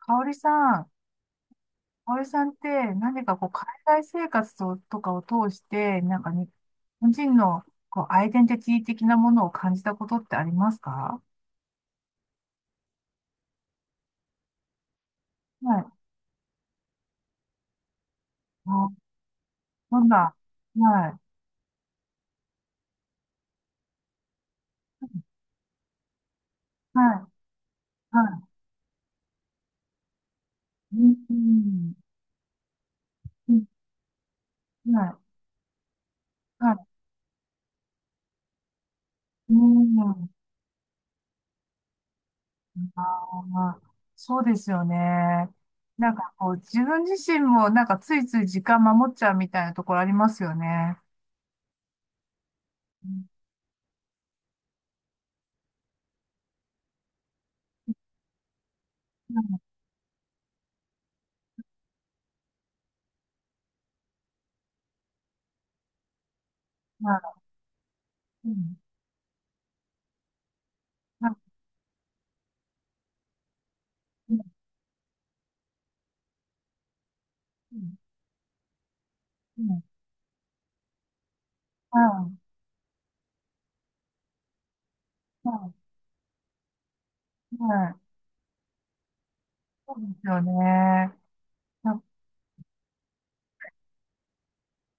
かおりさかおりさんって何かこう海外生活とかを通して、なんかに、日本人のこうアイデンティティ的なものを感じたことってありますか？はい。あ、どんな、はい、はい、はい。うん、うん、うん、はい、はい。うん。あー、そうですよね。なんかこう、自分自身もなんかついつい時間守っちゃうみたいなところありますよね。うん、はい、はい。うん、はい、うん、うん、うん、はい、はい。そうですよね。や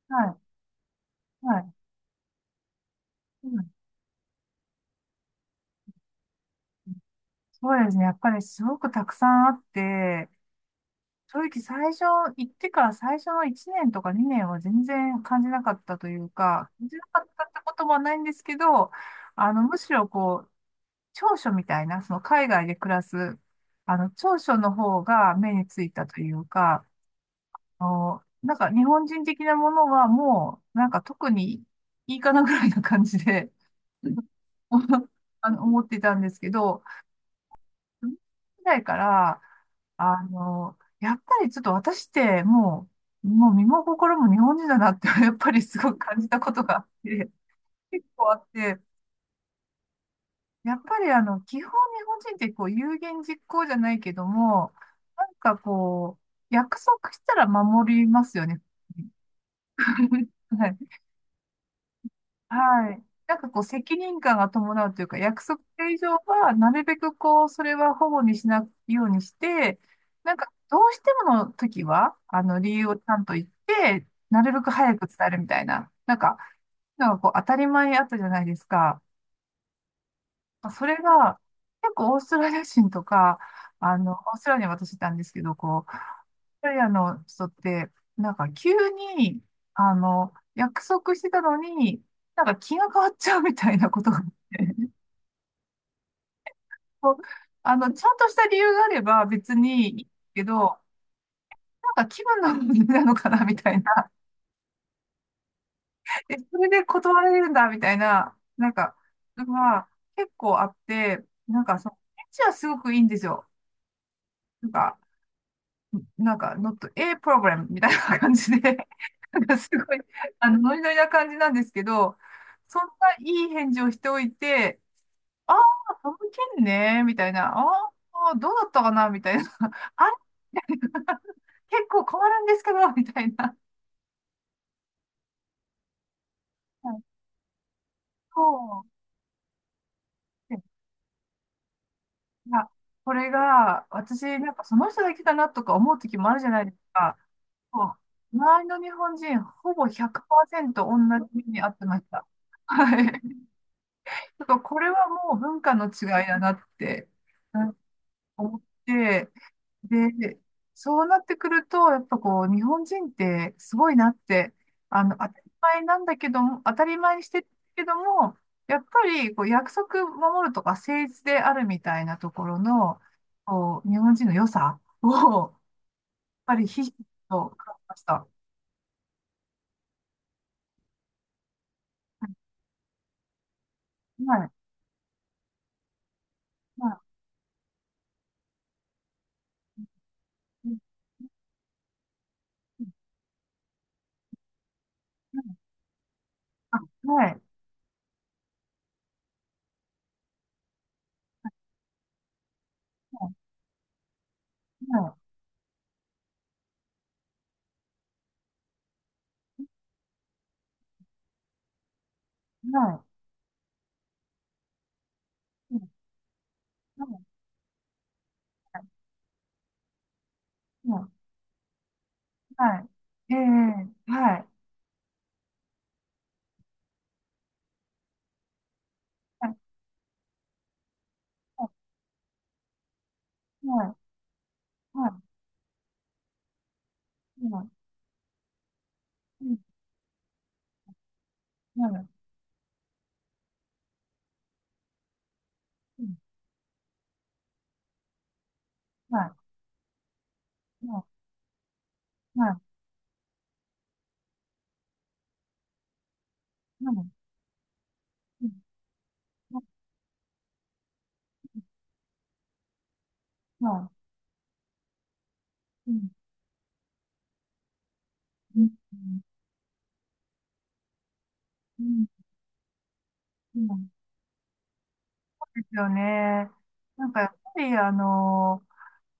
はい、はい。うん。そうですね。やっぱりすごくたくさんあって、正直最初、行ってから最初の1年とか2年は全然感じなかったというか、感じなかったってこともないんですけど、あの、むしろこう、長所みたいな、その海外で暮らす、あの、長所の方が目についたというか、あの、なんか日本人的なものはもう、なんか特にいいかなぐらいな感じで、あの、思ってたんですけど、ぐらいから、あの、やっぱりちょっと私ってもう身も心も日本人だなって やっぱりすごく感じたことがあって、結構あって、やっぱりあの、基本日本人ってこう、有言実行じゃないけども、なんかこう、約束したら守りますよね。はい、はい。なんかこう、責任感が伴うというか、約束以上は、なるべくこう、それは保護にしないようにして、なんか、どうしてもの時は、あの、理由をちゃんと言って、なるべく早く伝えるみたいな、なんか、当たり前あったじゃないですか。それが、結構オーストラリア人とか、あの、オーストラリアに私いたんですけど、こう、オーストラリアの人って、なんか急に、あの、約束してたのに、なんか気が変わっちゃうみたいなことがあって、そう、あの、ちゃんとした理由があれば別にいいけど、なんか気分の問題なのかなみたいな、え、それで断られるんだみたいな、なんか、のが結構あって、なんかその、エッチはすごくいいんですよ。なんか、not a problem みたいな感じで、なんかすごい、あの、ノリノリな感じなんですけど、そんないい返事をしておいて、ああ、その件ね、みたいな、ああ、どうだったかな、みたいな、あれ結構困るんですけど、みたいな。はい、そうで、いや、これが、私、なんかその人だけだなとか思う時もあるじゃないですか。そう、周りの日本人、ほぼ100%同じ目に遭ってました。はい。ちょっとか、これはもう文化の違いだなって、うん、思って、で、そうなってくるとやっぱこう日本人ってすごいなって、あの、当たり前なんだけども当たり前にしてるけども、やっぱりこう約束守るとか誠実であるみたいなところの、こう日本人の良さを、やっぱり必死と感じました。はい、はい、はい、はい、はい、はい、はい、はい、はい、はい、はい。ええ、はい。はい。はい。はい。はい。はい。うん、はい。うん、はい。はい。はい。はい。うん、はい。うん。うん。うん。うん。そうですよね。なんか、やっぱり、あの、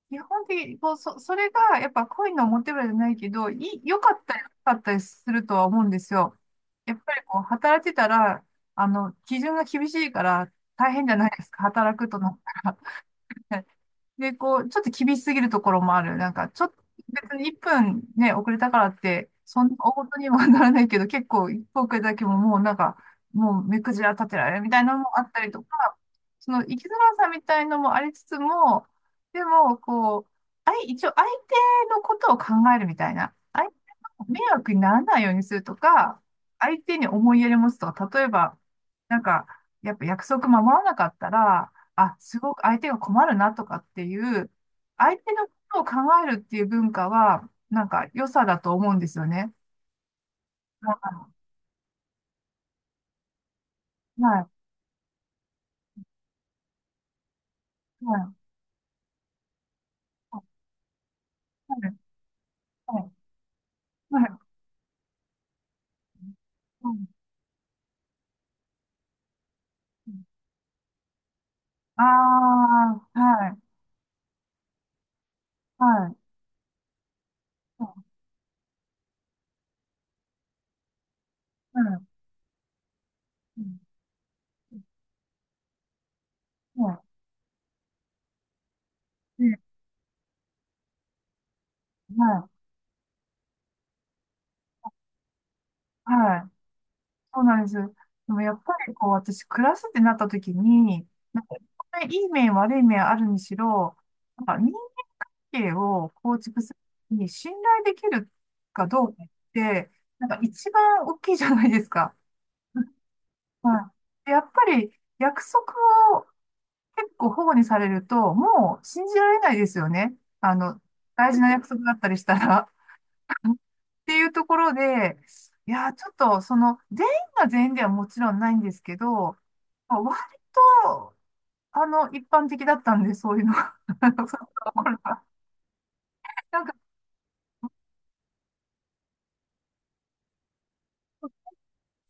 基本的に、こう、それが、やっぱ恋のモテブラじゃないけど、良かったり、良かったりするとは思うんですよ。やっぱり、こう、働いてたら、あの、基準が厳しいから、大変じゃないですか、働くとなったら。はい。で、こう、ちょっと厳しすぎるところもある。なんか、ちょっと、別に1分ね、遅れたからって、そんな大事にはならないけど、結構1分遅れただけももうなんか、もう目くじら立てられるみたいなのもあったりとか、その生きづらさみたいのもありつつも、でも、こう、一応相手のことを考えるみたいな、相手の迷惑にならないようにするとか、相手に思いやり持つとか、例えば、なんか、やっぱ約束守らなかったら、あ、すごく相手が困るなとかっていう、相手のことを考えるっていう文化は、なんか良さだと思うんですよね。はい、はい、はい、はい、はい。うん、ああ、はい、はい、はい、はい、はい、はい、はい。そうなんです。でもやっぱりこう、私、暮らすってなった時に、なんか、いい面、悪い面あるにしろ、なんか人係を構築するに信頼できるかどうかって、なんか一番大きいじゃないですか。はい。やっぱり約束を結構保護にされると、もう信じられないですよね。あの、大事な約束だったりしたら。っていうところで、いやー、ちょっと、その、全員が全員ではもちろんないんですけど、まあ割と、あの、一般的だったんで、そういうのが。そういうところが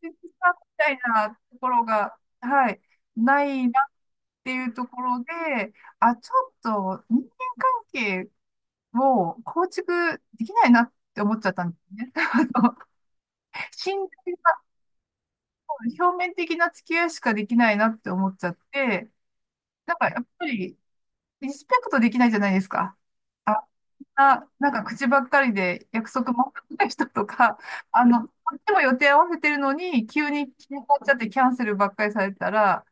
切さみたいなところが、はい、ないなっていうところで、あ、ちょっと人間関係を構築できないなって思っちゃったんですね。あの、信頼が表面的な付き合いしかできないなって思っちゃって、なんかやっぱりリスペクトできないじゃないですか。あ、なんか口ばっかりで約束も守らない人とか、あの、こっちも予定合わせてるのに、急に決めちゃってキャンセルばっかりされたら、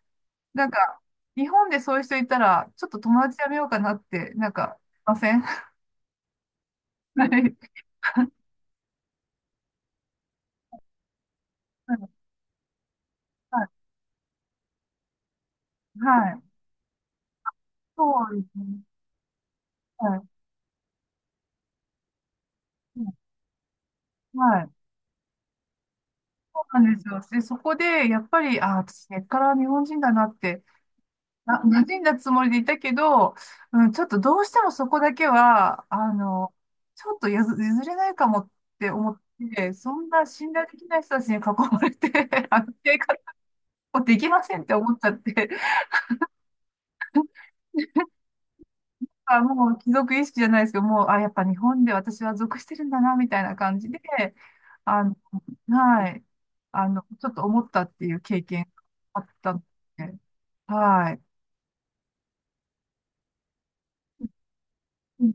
なんか、日本でそういう人いたら、ちょっと友達やめようかなって、なんか、ません。 はい。はい。はい。そうですね。はい。はい。そうなんですよ。で、そこで、やっぱり、あ、私、根っから日本人だなって、馴染んだつもりでいたけど、うん、ちょっとどうしてもそこだけは、あの、ちょっとやず譲れないかもって思って、そんな信頼できない人たちに囲まれて、あの、生活もできませんって思っちゃって、あ、もう貴族意識じゃないですけど、もう、あ、やっぱ日本で私は属してるんだな、みたいな感じで、あの、はい。あの、ちょっと思ったっていう経験があったので、はい。うん、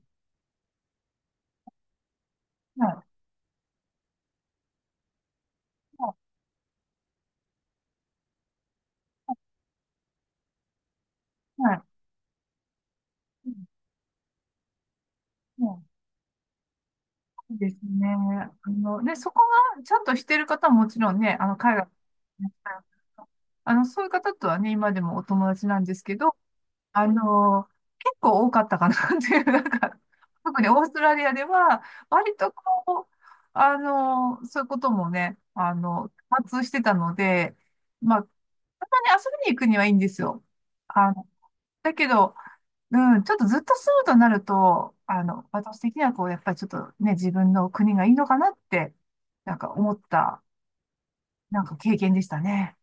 はい。はい。はい、うん、うん、そうですね。あの、で、そこがちゃんとしてる方はもちろんね、あの、海外、あの、そういう方とはね、今でもお友達なんですけど、あの、結構多かったかなっていう、なんか、特にオーストラリアでは、割とこう、あの、そういうこともね、あの、多発してたので、まあ、たまに遊びに行くにはいいんですよ。あの、だけど、うん、ちょっとずっと住むとなると、あの、私的にはこう、やっぱりちょっとね、自分の国がいいのかなって、なんか思った、なんか経験でしたね。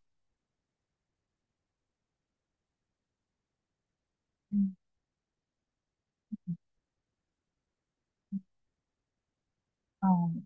うん、うん